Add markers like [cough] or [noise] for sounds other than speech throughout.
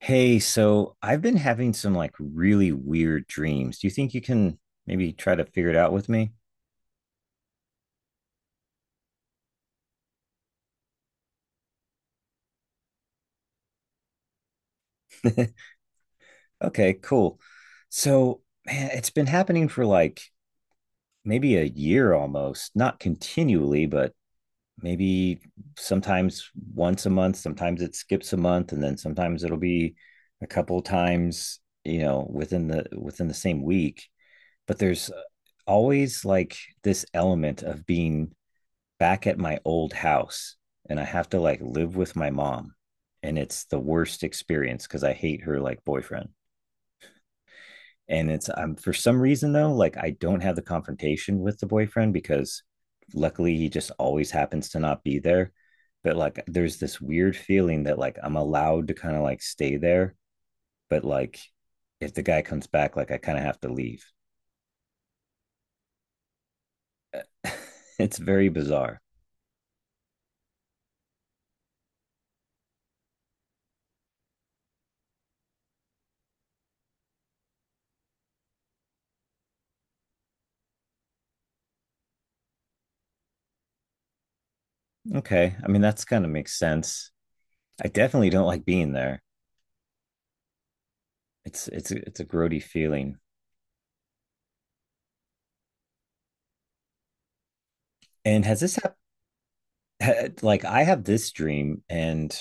Hey, so I've been having some like really weird dreams. Do you think you can maybe try to figure it out with me? [laughs] Okay, cool. So, man, it's been happening for like maybe a year almost, not continually, but maybe sometimes once a month, sometimes it skips a month, and then sometimes it'll be a couple times, you know, within the same week. But there's always like this element of being back at my old house and I have to like live with my mom. And it's the worst experience because I hate her like boyfriend. And it's for some reason though, like I don't have the confrontation with the boyfriend because luckily he just always happens to not be there. But like there's this weird feeling that like I'm allowed to kind of like stay there, but like if the guy comes back, like I kind of have to leave. [laughs] It's very bizarre. Okay. I mean, that's kind of makes sense. I definitely don't like being there. It's a grody feeling. And has this happened? [laughs] Like I have this dream, and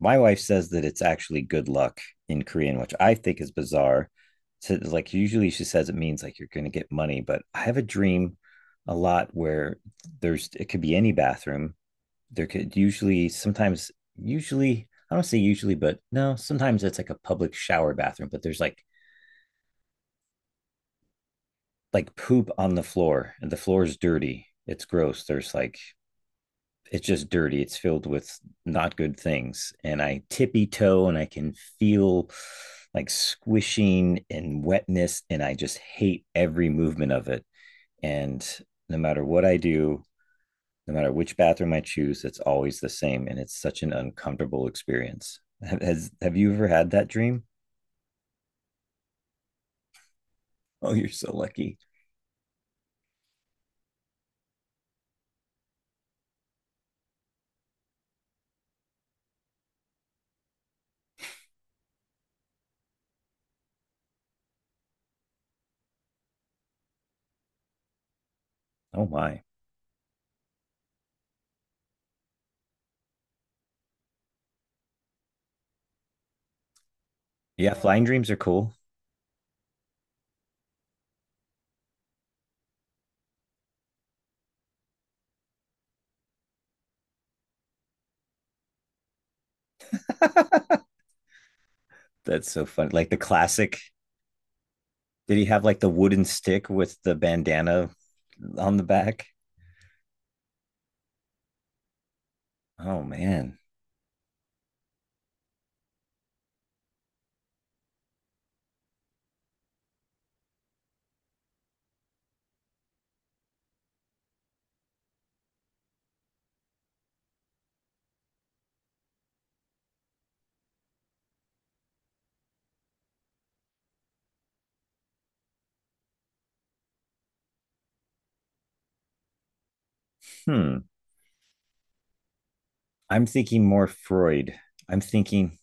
my wife says that it's actually good luck in Korean, which I think is bizarre. So like usually she says it means like you're going to get money, but I have a dream a lot where there's it could be any bathroom. There could usually sometimes usually I don't say usually, but no, sometimes it's like a public shower bathroom, but there's like poop on the floor and the floor is dirty. It's gross. There's like it's just dirty. It's filled with not good things. And I tippy toe and I can feel like squishing and wetness. And I just hate every movement of it. And no matter what I do, no matter which bathroom I choose, it's always the same. And it's such an uncomfortable experience. Has, have you ever had that dream? Oh, you're so lucky. Oh, my. Yeah, flying dreams are cool. [laughs] That's so fun. Like the classic. Did he have like the wooden stick with the bandana on the back? Oh man. Hmm. I'm thinking more Freud. I'm thinking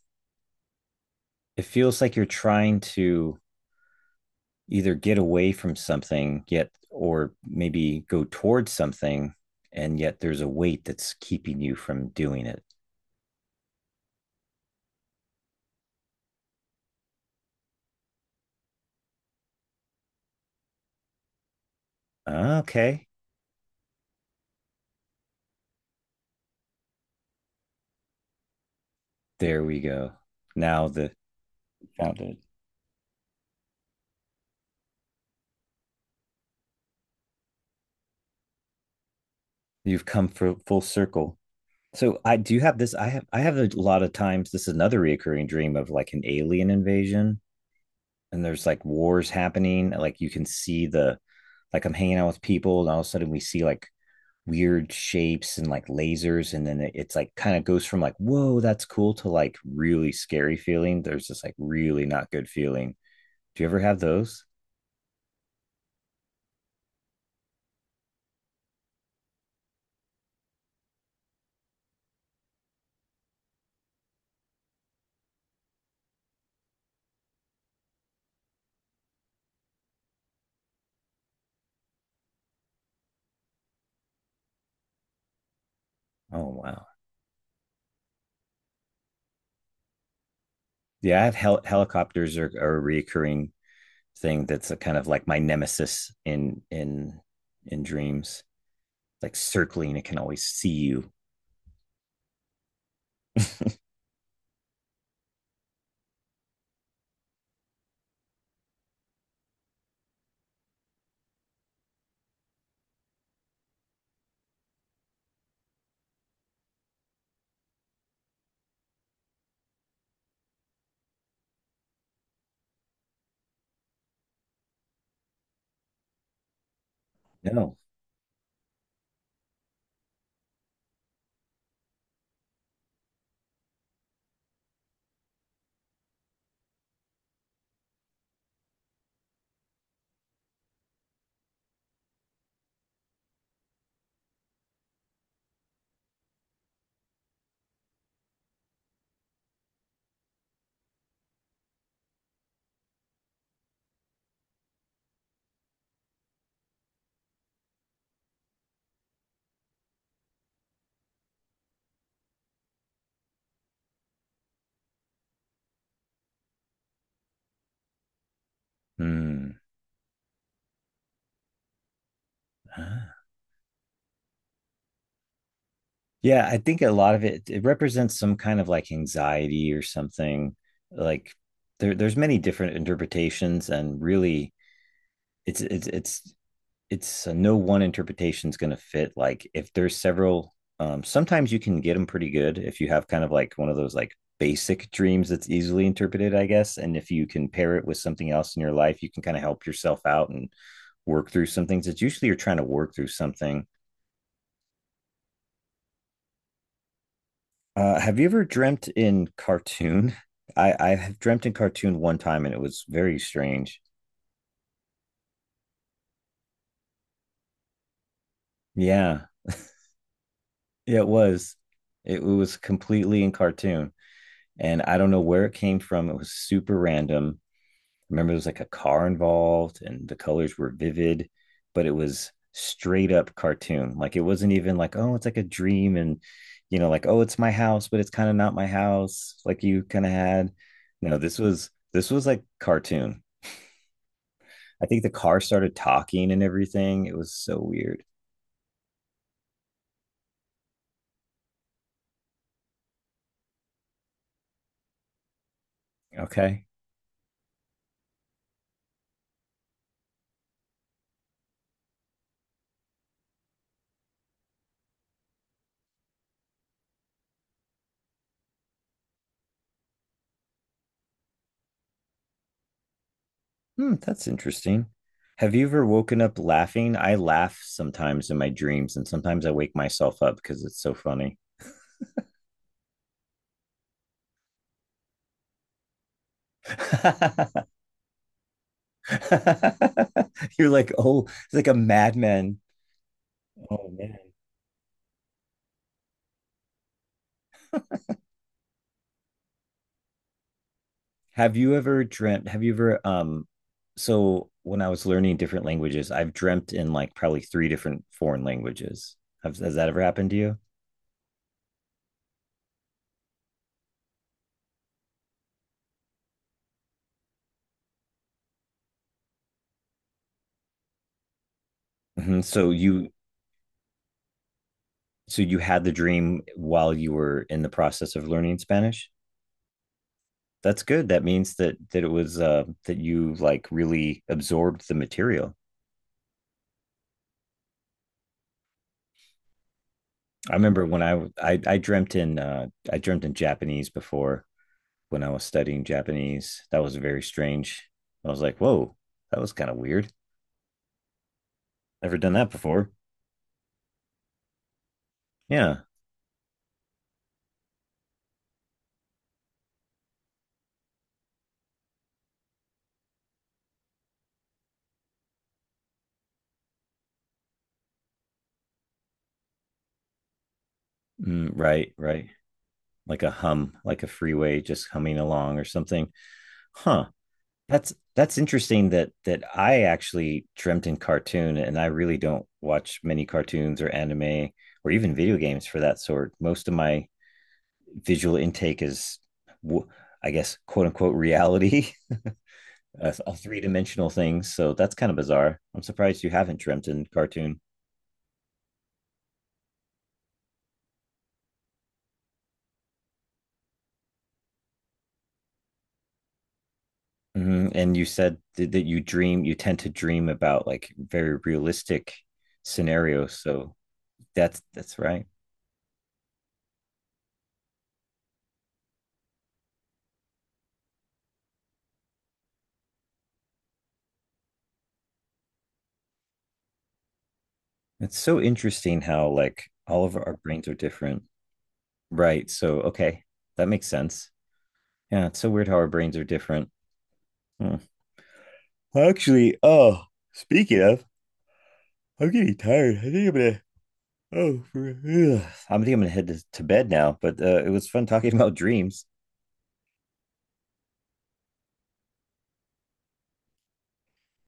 it feels like you're trying to either get away from something yet or maybe go towards something and yet there's a weight that's keeping you from doing it. Okay. There we go. Now the. Found it. You've come for full circle. So I do have this. I have a lot of times. This is another reoccurring dream of like an alien invasion, and there's like wars happening. Like you can see the like I'm hanging out with people, and all of a sudden we see like weird shapes and like lasers, and then it's like kind of goes from like whoa that's cool to like really scary feeling. There's this like really not good feeling. Do you ever have those? Oh wow, yeah. I have helicopters are a reoccurring thing that's a kind of like my nemesis in dreams. Like circling, it can always see you. No. Hmm. Ah. Yeah, I think a lot of it it represents some kind of like anxiety or something. Like there, there's many different interpretations, and really, it's it's it's it's no one interpretation is going to fit. Like if there's several, sometimes you can get them pretty good if you have kind of like one of those like basic dreams that's easily interpreted, I guess. And if you can pair it with something else in your life, you can kind of help yourself out and work through some things. It's usually you're trying to work through something. Have you ever dreamt in cartoon? [laughs] I have dreamt in cartoon one time and it was very strange. Yeah, yeah, it was. It was completely in cartoon. And I don't know where it came from. It was super random remember there was like a car involved and the colors were vivid, but it was straight up cartoon. Like it wasn't even like, oh, it's like a dream and you know, like, oh, it's my house, but it's kind of not my house, like you kind of had. You know, this was like cartoon. I think the car started talking and everything. It was so weird. Okay. Hmm, that's interesting. Have you ever woken up laughing? I laugh sometimes in my dreams, and sometimes I wake myself up because it's so funny. [laughs] [laughs] You're like, oh, it's like a madman. Oh man. Have you ever dreamt? Have you ever, so when I was learning different languages, I've dreamt in like probably three different foreign languages. Have, has that ever happened to you? Hmm. So you had the dream while you were in the process of learning Spanish? That's good. That means that it was that you like really absorbed the material. I remember when I dreamt in I dreamt in Japanese before. When I was studying Japanese. That was very strange. I was like, whoa, that was kind of weird. Never done that before. Yeah. Mm, right, right. Like a hum, like a freeway just humming along or something. Huh. That's interesting that I actually dreamt in cartoon and I really don't watch many cartoons or anime or even video games for that sort. Most of my visual intake is I guess quote unquote reality. A three dimensional thing. So that's kind of bizarre. I'm surprised you haven't dreamt in cartoon. Mhm. And you said that you dream, you tend to dream about like very realistic scenarios. So that's right. It's so interesting how like all of our brains are different. Right. So okay, that makes sense. Yeah, it's so weird how our brains are different. Hmm. Actually, oh, speaking of, I'm getting tired. I think I'm gonna. Oh, for. I'm thinking I'm gonna head to bed now, but it was fun talking [laughs] about dreams.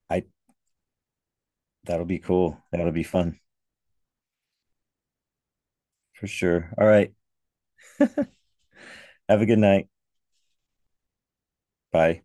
I that'll be cool. That'll be fun for sure. All right. Have a good night. Bye.